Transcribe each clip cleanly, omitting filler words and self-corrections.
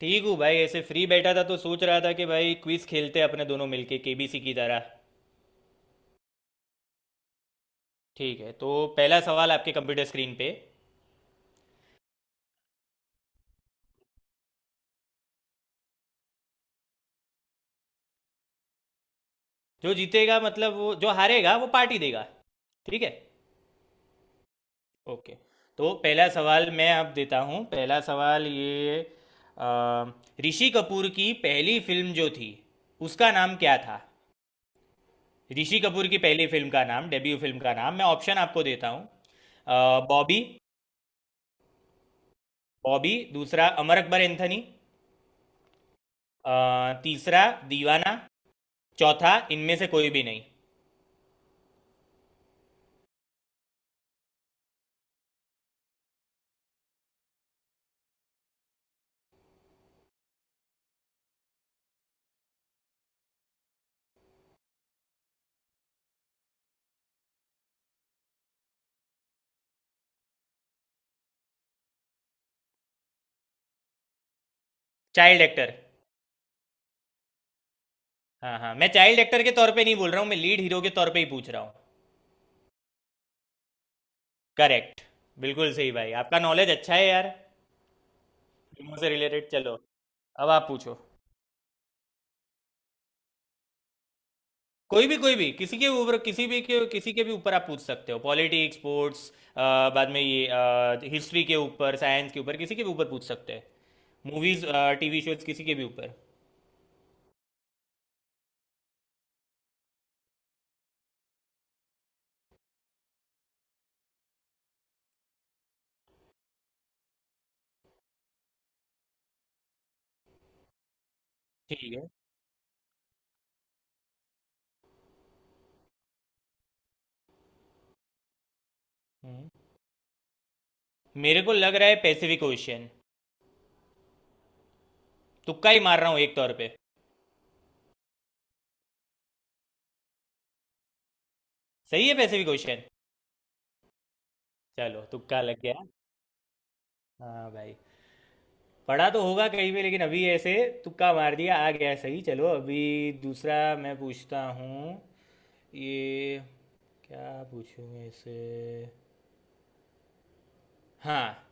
ठीक हूँ भाई ऐसे फ्री बैठा था तो सोच रहा था कि भाई क्विज खेलते हैं अपने दोनों मिलके केबीसी की तरह। ठीक है तो पहला सवाल आपके कंप्यूटर स्क्रीन पे। जो जीतेगा मतलब वो जो हारेगा वो पार्टी देगा। ठीक है। ओके। तो पहला सवाल मैं आप देता हूँ पहला सवाल ये अ, ऋषि कपूर की पहली फिल्म जो थी उसका नाम क्या था। ऋषि कपूर की पहली फिल्म का नाम डेब्यू फिल्म का नाम मैं ऑप्शन आपको देता हूँ। बॉबी। बॉबी दूसरा अमर अकबर एंथनी। तीसरा दीवाना। चौथा इनमें से कोई भी नहीं। Child actor. हाँ, हाँ, मैं चाइल्ड एक्टर के तौर पे नहीं बोल रहा हूँ, मैं लीड हीरो के तौर पे ही पूछ रहा हूँ। करेक्ट। बिल्कुल सही भाई, आपका नॉलेज अच्छा है यार। फिल्मों से रिलेटेड चलो, अब आप पूछो। कोई भी, कोई भी, किसी के ऊपर किसी भी के किसी के भी ऊपर आप पूछ सकते हो। पॉलिटिक्स, स्पोर्ट्स, बाद में ये हिस्ट्री के ऊपर साइंस के ऊपर किसी के भी ऊपर पूछ सकते हैं। मूवीज, टीवी शोज, किसी के भी ऊपर। ठीक है। हम्म। मेरे को लग रहा है पैसिफिक ओशियन। तुक्का ही मार रहा हूँ एक तौर पे। सही है वैसे भी क्वेश्चन। चलो तुक्का लग गया। हाँ भाई। पढ़ा तो होगा कहीं भी, लेकिन अभी ऐसे तुक्का मार दिया, आ गया सही। चलो अभी दूसरा मैं पूछता हूँ। ये क्या पूछूँ ऐसे। हाँ,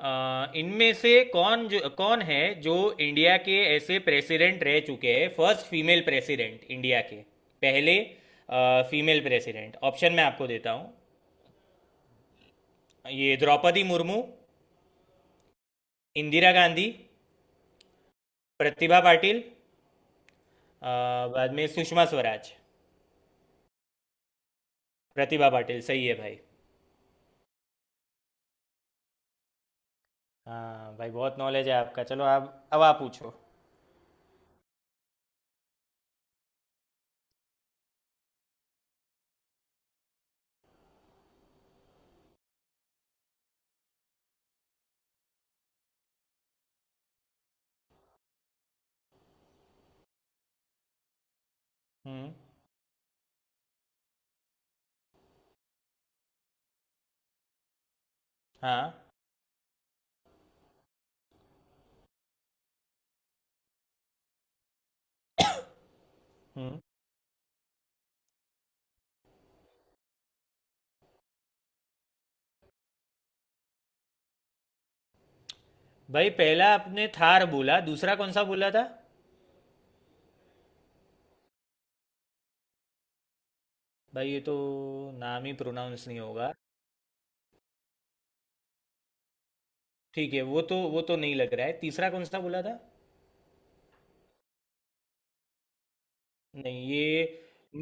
इनमें से कौन, जो कौन है जो इंडिया के ऐसे प्रेसिडेंट रह चुके हैं, फर्स्ट फीमेल प्रेसिडेंट इंडिया के। पहले फीमेल प्रेसिडेंट ऑप्शन मैं आपको देता हूँ। ये द्रौपदी मुर्मू। इंदिरा गांधी। प्रतिभा पाटिल। बाद में सुषमा स्वराज। प्रतिभा पाटिल सही है भाई। हाँ भाई, बहुत नॉलेज है आपका। चलो आप, अब आप पूछो। हम्म। हाँ। हम्म भाई पहला आपने थार बोला, दूसरा कौन सा बोला था। भाई ये तो नाम ही प्रोनाउंस नहीं होगा। ठीक है, वो तो नहीं लग रहा है। तीसरा कौन सा बोला था। नहीं, ये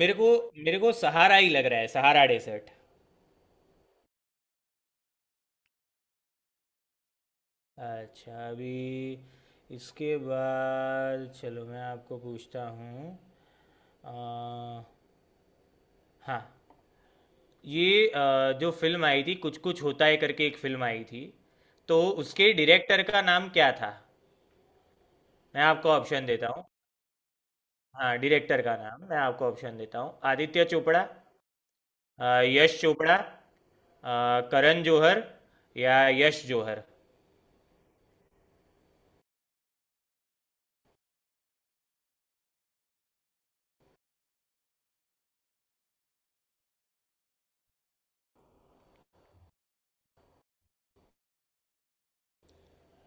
मेरे को मेरे को सहारा ही लग रहा है, सहारा डेसर्ट। अच्छा अभी इसके बाद चलो, मैं आपको पूछता हूँ। आ, हाँ, ये जो फ़िल्म आई थी कुछ कुछ होता है करके, एक फ़िल्म आई थी, तो उसके डायरेक्टर का नाम क्या था। मैं आपको ऑप्शन देता हूँ। हाँ डायरेक्टर का नाम मैं आपको ऑप्शन देता हूँ। आदित्य चोपड़ा, यश चोपड़ा, करण जौहर, या यश जौहर।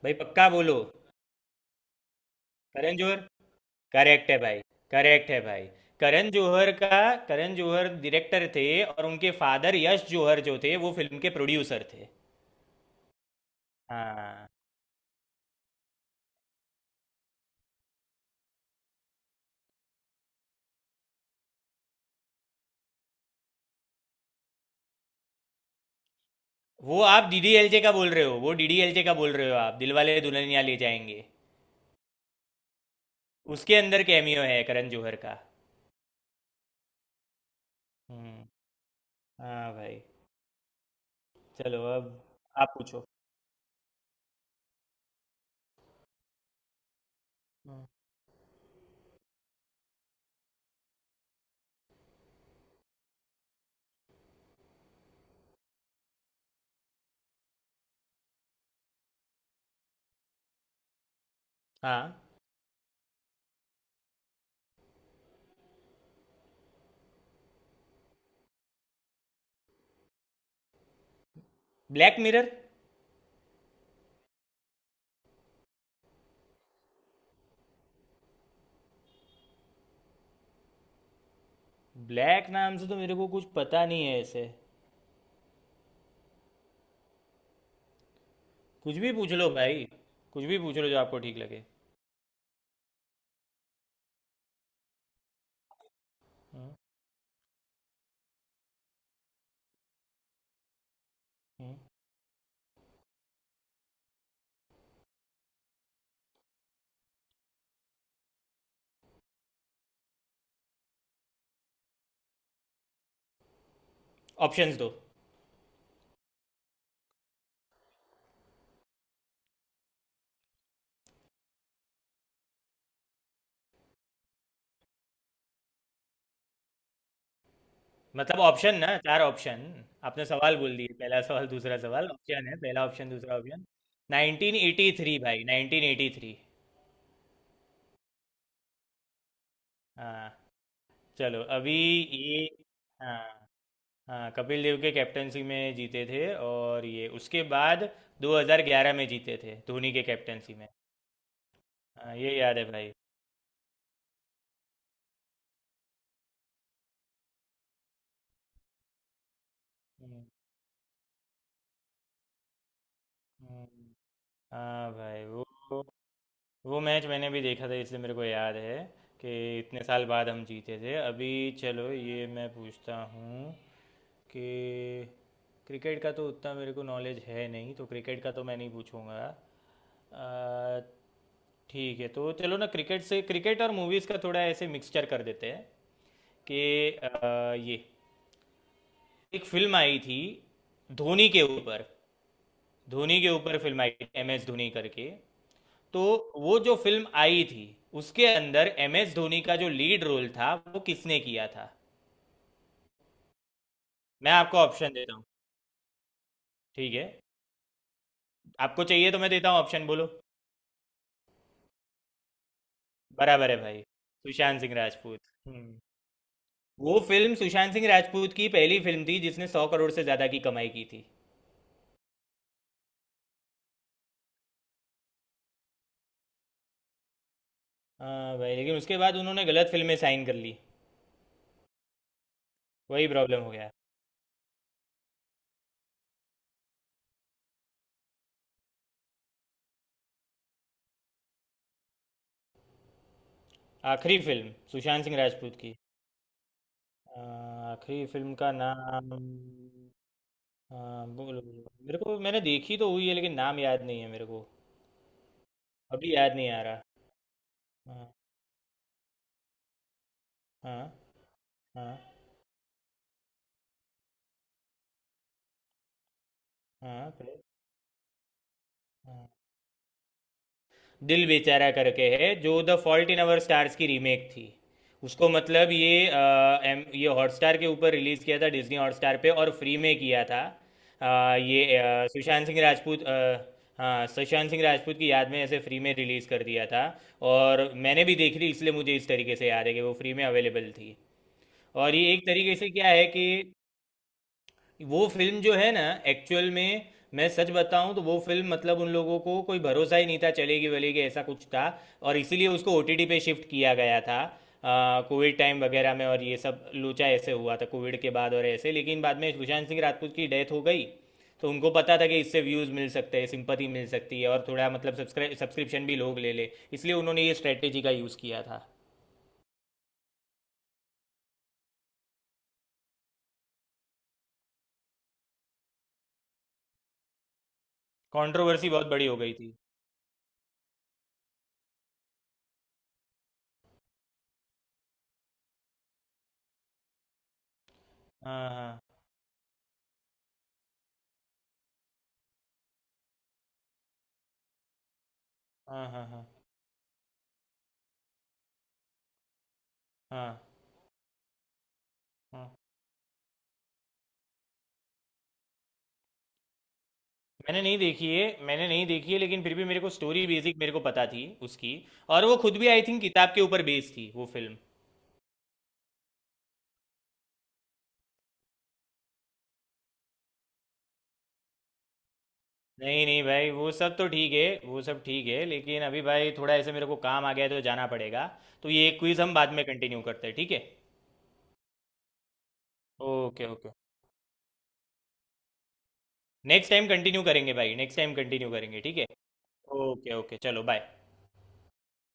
भाई पक्का बोलो। करण जौहर। करेक्ट है भाई। करेक्ट है भाई। करण जौहर का। करण जौहर डायरेक्टर थे और उनके फादर यश जौहर जो थे वो फिल्म के प्रोड्यूसर थे। हाँ, वो आप डीडीएलजे का बोल रहे हो। वो डीडीएलजे का बोल रहे हो आप, दिलवाले दुल्हनिया ले जाएंगे। उसके अंदर कैमियो है करण जौहर का। हम्म। हाँ भाई। चलो अब आप पूछो। हम्म। हाँ। Black mirror. ब्लैक नाम से तो मेरे को कुछ पता नहीं है ऐसे। कुछ भी पूछ लो भाई। कुछ भी पूछ लो जो आपको ठीक लगे। ऑप्शंस दो। मतलब ऑप्शन ना, चार ऑप्शन। आपने सवाल बोल दिए पहला सवाल दूसरा सवाल, ऑप्शन है, पहला ऑप्शन दूसरा ऑप्शन। 1983 भाई, 1983। हाँ। चलो अभी ये। हाँ, हाँ, कपिल देव के कैप्टनसी में जीते थे, और ये उसके बाद 2011 में जीते थे धोनी के कैप्टनसी में। हाँ ये याद है भाई। हम्म। हम्म। हाँ भाई वो। वो मैच मैंने भी देखा था इसलिए मेरे को याद है कि इतने साल बाद हम जीते थे। अभी चलो ये मैं पूछता हूँ कि क्रिकेट का तो उतना मेरे को नॉलेज है नहीं, तो क्रिकेट का तो मैं नहीं पूछूंगा। अ, ठीक है, तो चलो ना क्रिकेट से, क्रिकेट और मूवीज़ का थोड़ा ऐसे मिक्सचर कर देते हैं। कि ये एक फिल्म आई थी धोनी के ऊपर। धोनी के ऊपर फिल्म आई थी एम एस धोनी करके। तो वो जो फिल्म आई थी, उसके अंदर एम एस धोनी का जो लीड रोल था वो किसने किया था। मैं आपको ऑप्शन देता हूँ। ठीक है। आपको चाहिए तो मैं देता हूँ ऑप्शन, बोलो। बराबर है भाई। सुशांत सिंह राजपूत। हम्म। वो फिल्म सुशांत सिंह राजपूत की पहली फिल्म थी जिसने 100 करोड़ से ज़्यादा की कमाई की थी। हाँ भाई, लेकिन उसके बाद उन्होंने गलत फिल्में साइन कर ली। वही प्रॉब्लम हो गया। आखिरी फिल्म सुशांत सिंह राजपूत की। आ, आखिरी फिल्म का नाम। हाँ बोलो बोलो, मेरे को मैंने देखी तो हुई है लेकिन नाम याद नहीं है मेरे को। अभी याद नहीं आ रहा। हाँ। हाँ। हाँ। हाँ। हाँ। दिल बेचारा करके है, जो the fault in our stars की रीमेक थी। उसको मतलब ये अ, एम ये हॉटस्टार के ऊपर रिलीज़ किया था डिज्नी हॉटस्टार पे, और फ्री में किया था। ये सुशांत सिंह राजपूत। हाँ, सुशांत सिंह राजपूत की याद में ऐसे फ्री में रिलीज़ कर दिया था। और मैंने भी देखी थी इसलिए मुझे इस तरीके से याद है कि वो फ्री में अवेलेबल थी। और ये एक तरीके से क्या है कि वो फिल्म जो है ना, एक्चुअल में मैं सच बताऊं तो वो फिल्म मतलब उन लोगों को कोई भरोसा ही नहीं था चलेगी वलेगी, ऐसा कुछ था। और इसीलिए उसको ओटीटी पे शिफ्ट किया गया था कोविड टाइम वगैरह में, और ये सब लोचा ऐसे हुआ था कोविड के बाद और ऐसे, लेकिन बाद में सुशांत सिंह राजपूत की डेथ हो गई। तो उनको पता था कि इससे व्यूज़ मिल सकते हैं, सिंपथी मिल सकती है, और थोड़ा मतलब सब्सक्राइब सब्सक्रिप्शन भी लोग ले ले, इसलिए उन्होंने ये स्ट्रेटेजी का यूज़ किया था। कंट्रोवर्सी बहुत बड़ी हो गई थी। हाँ। हाँ। हाँ। हाँ। हाँ। हाँ। हाँ। मैंने नहीं देखी है, मैंने नहीं देखी है, लेकिन फिर भी मेरे को स्टोरी बेसिक मेरे को पता थी उसकी। और वो खुद भी आई थिंक किताब के ऊपर बेस्ड थी वो फिल्म। नहीं, नहीं, भाई वो सब तो ठीक है। वो सब ठीक है, लेकिन अभी भाई थोड़ा ऐसे मेरे को काम आ गया है, तो जाना पड़ेगा। तो ये क्विज हम बाद में कंटिन्यू करते हैं, ठीक है। Okay. Okay. Next time continue करेंगे भाई, नेक्स्ट टाइम कंटिन्यू करेंगे, ठीक है। ओके। ओके। चलो बाय।